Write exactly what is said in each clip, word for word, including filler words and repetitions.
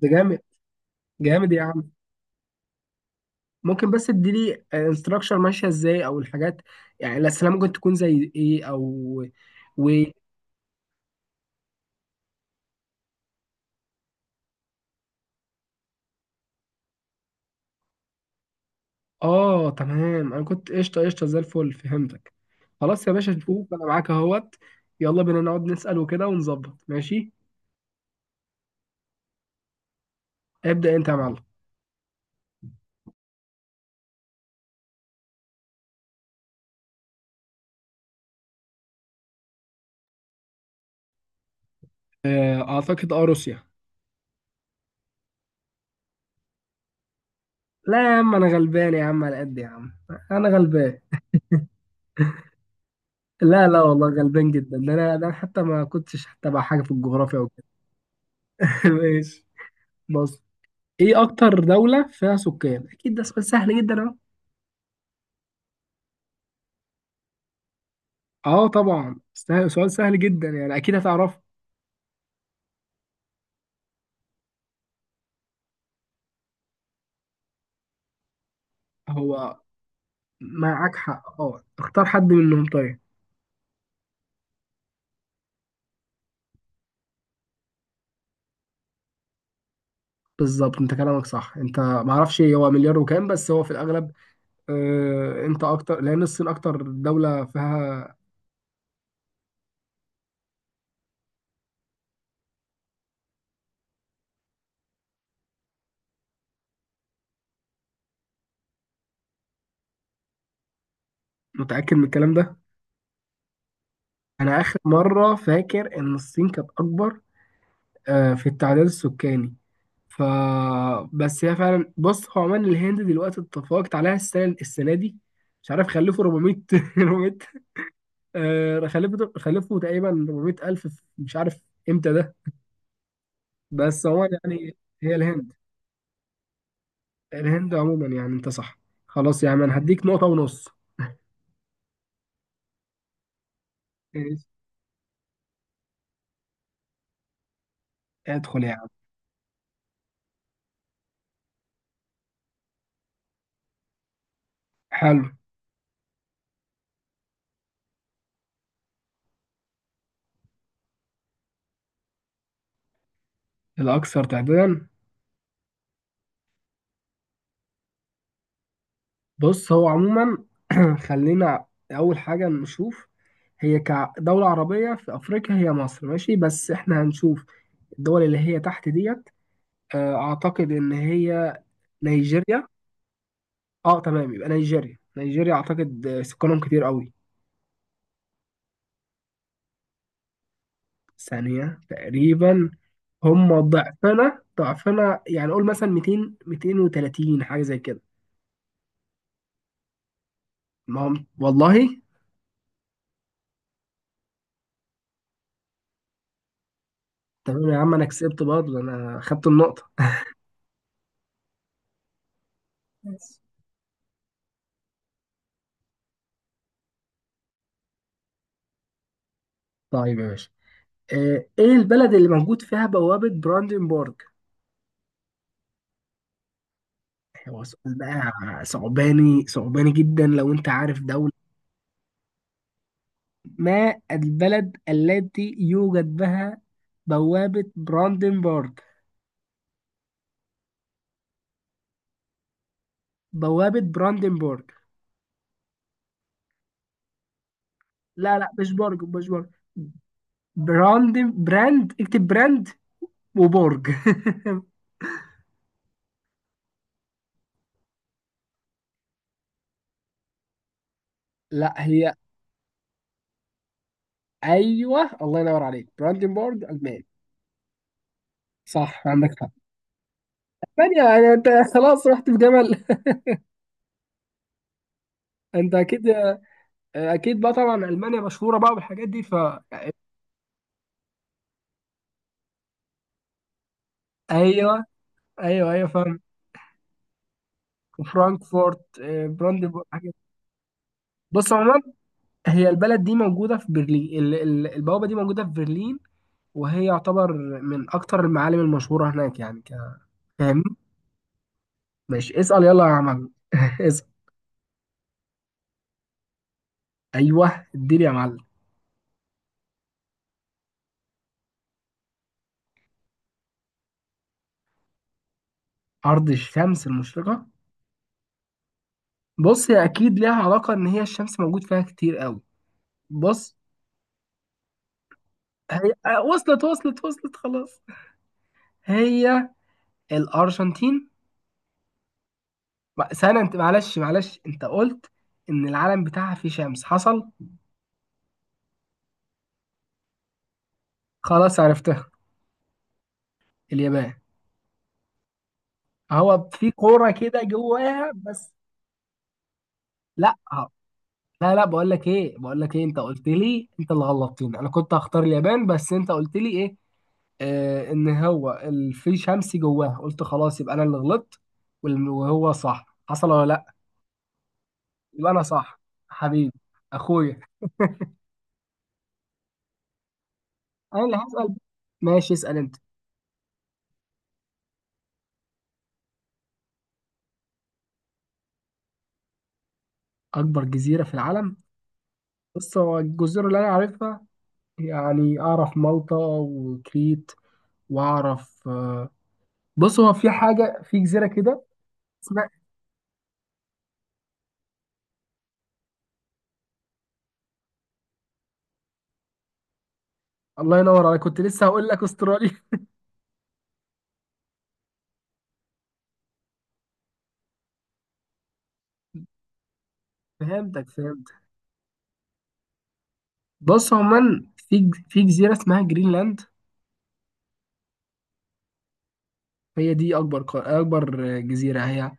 ده جامد. جامد يا عم. ممكن بس تديلي انستراكشر ماشيه ازاي او الحاجات، يعني الاسئله ممكن تكون زي ايه. او و اه، تمام، انا كنت قشطه قشطه زي الفل، فهمتك. خلاص يا باشا نشوف، انا معاك اهوت. يلا بينا نقعد نسال وكده ونظبط، ماشي. ابدا انت يا معلم. آه، اعتقد اه روسيا. لا يا عم، انا غلبان يا عم، على قد يا عم، انا غلبان. لا، لا، والله غلبان جدا، ده انا، ده أنا حتى ما كنتش حتى بقى حاجه في الجغرافيا وكده. ماشي. بص، ايه اكتر دولة فيها سكان؟ اكيد ده سؤال سهل جدا. اهو، اه طبعا سهل، سؤال سهل جدا، يعني اكيد هتعرفه. هو معاك حق، اه اختار حد منهم طيب. بالظبط، انت كلامك صح، انت معرفش هو مليار وكام بس هو في الاغلب. آه انت اكتر، لان الصين اكتر دولة فيها. متأكد من الكلام ده؟ انا اخر مرة فاكر ان الصين كانت اكبر آه في التعداد السكاني. ف بس هي فعلا، بص هو عمان الهند دلوقتي اتفقت عليها السنه السنه دي. مش عارف خلفوا أربعمية، أربعمية آه خلفوا خلفوا تقريبا أربعمية الف، في- مش عارف امتى ده، بس هو يعني. هي الهند، الهند عموما، يعني انت صح. خلاص يا عم انا هديك نقطه ونص. ماشي. ادخل يا عم. حلو. الاكثر تعدادا. بص هو عموما، خلينا اول حاجه نشوف. هي كدوله عربيه في افريقيا هي مصر، ماشي، بس احنا هنشوف الدول اللي هي تحت ديت. آه، اعتقد ان هي نيجيريا. اه تمام، يبقى نيجيريا. نيجيريا اعتقد آه، سكانهم كتير قوي. ثانية تقريبا. هم ضعفنا ضعفنا، يعني قول مثلا ميتين، مئتين وثلاثين، حاجة زي كده. ما هم والله. تمام يا عم، انا كسبت برضه، ده انا خدت النقطة. ماشي. طيب يا باشا، آه، ايه البلد اللي موجود فيها بوابة براندنبورغ؟ هو سؤال بقى، صعباني صعباني جدا لو انت عارف. ما البلد التي يوجد بها بوابة براندنبورغ، بوابة براندنبورغ. لا لا، مش برج، مش برج. براندن براند، اكتب براند وبرج. لا، هي ايوه، الله ينور عليك، براندنبورغ ألمانيا. صح، عندك حق. المانيا يعني، انت خلاص رحت في جمل. انت اكيد. اكيد بقى، طبعا المانيا مشهوره بقى بالحاجات دي. ف ايوه ايوه ايوه فاهم. وفرانكفورت، آه، براندنبورغ، حاجات. بص عموما، هي البلد دي موجودة في برلين، ال- ال- البوابة دي موجودة في برلين، وهي يعتبر من أكتر المعالم المشهورة هناك، يعني ك- فاهمني؟ ماشي اسأل، يلا يا عم، اسأل. أيوه، اديني يا معلم. أرض الشمس المشرقة. بص، هي أكيد ليها علاقة إن هي الشمس موجود فيها كتير قوي. بص هي، آه، وصلت وصلت وصلت، خلاص. هي الأرجنتين. ما- سنة أنت، معلش معلش، أنت قلت إن العلم بتاعها فيه شمس، حصل. خلاص عرفتها، اليابان. هو في كوره كده جواها بس. لا لا لا، بقول لك ايه، بقول لك ايه، انت قلت لي، انت اللي غلطتني، انا كنت هختار اليابان بس انت قلت لي ايه، آه ان هو ال- في شمس جواها، قلت خلاص يبقى انا اللي غلطت. وال- وهو صح حصل ولا لا؟ يبقى انا صح، حبيبي، اخويا. انا اللي هسأل. ماشي اسأل انت. اكبر جزيرة في العالم. بص، هو الجزر اللي انا عارفها، يعني اعرف مالطا وكريت، واعرف آه، بص هو في حاجة، في جزيرة كده. اسمع، الله ينور عليك، كنت لسه هقول لك استراليا. فهمتك فهمتك، بص عموما، في ج- في جزيرة اسمها جرينلاند. هي دي أكبر قا- أكبر جزيرة، هي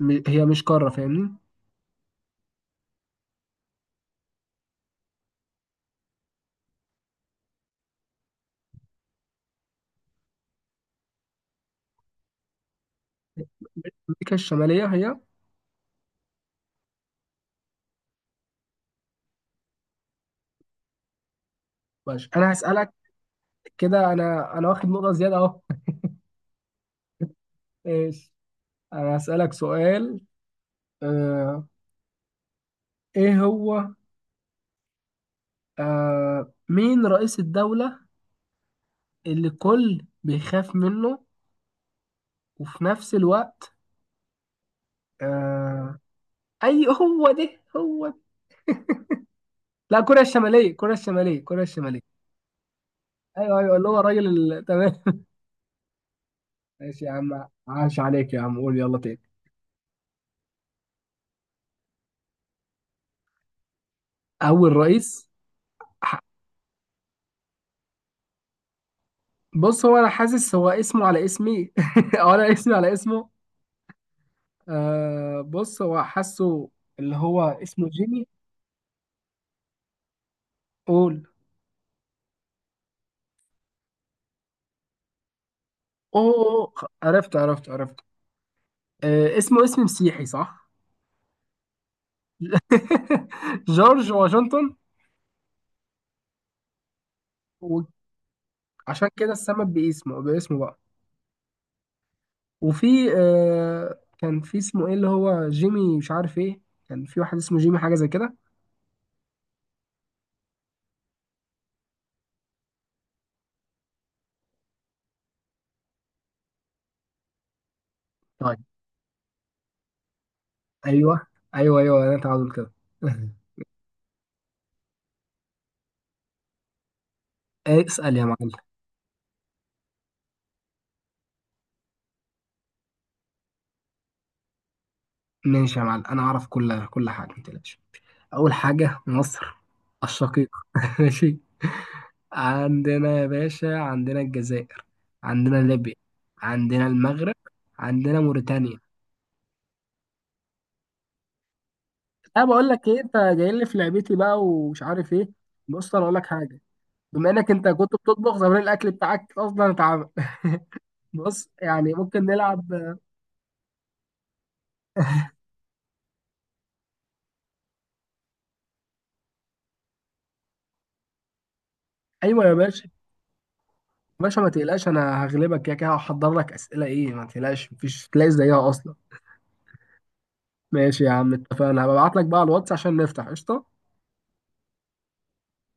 م- هي مش قارة، فاهمني. أمريكا الشمالية هي. ماشي أنا هسألك. كده أنا أنا واخد نقطة زيادة أهو. إيش. أنا هسألك سؤال، آه إيه هو، آه مين رئيس الدولة اللي الكل بيخاف منه وفي نفس الوقت آه أي، هو ده هو، لا، كوريا الشمالية، كوريا الشمالية، كوريا الشمالية. ايوه ايوه، اللي هو الراجل ال... تمام. ماشي يا عم، عاش عليك يا عم، قول يلا تاني. اول رئيس. ح- بص هو، انا حاسس هو اسمه على اسمي، او انا اسمي على اسمه. آه بص هو حاسه، اللي هو اسمه جيمي. قول. اوه، أوه، خ- عرفت عرفت عرفت. آه اسمه اسم مسيحي صح. جورج واشنطن. وعشان كده اتسمى باسمه، باسمه بقى. وفي، آه كان في اسمه ايه، اللي هو جيمي، مش عارف ايه، كان في واحد اسمه جيمي حاجه زي كده. طيب. ايوه، ايوه ايوه، انا تعادل كده. إيه، اسال يا معلم. ماشي يا معلم، انا اعرف كل كل حاجه، ما تقلقش. اول حاجه مصر، الشقيق. ماشي. عندنا يا باشا، عندنا الجزائر، عندنا ليبيا، عندنا المغرب، عندنا موريتانيا. انا بقول لك ايه، انت جاي لي في لعبتي بقى ومش عارف ايه. بص انا اقول لك حاجه، بما انك انت كنت بتطبخ زمان، الاكل بتاعك اصلا اتعمل. بص يعني ممكن نلعب. ايوه يا باشا، يا باشا ما تقلقش، انا هغلبك كده كده، هحضر لك اسئله ايه، ما تقلقش، مفيش تلاقي زيها اصلا. ماشي يا عم، اتفقنا، هبعت لك بقى على الواتس عشان نفتح قشطه.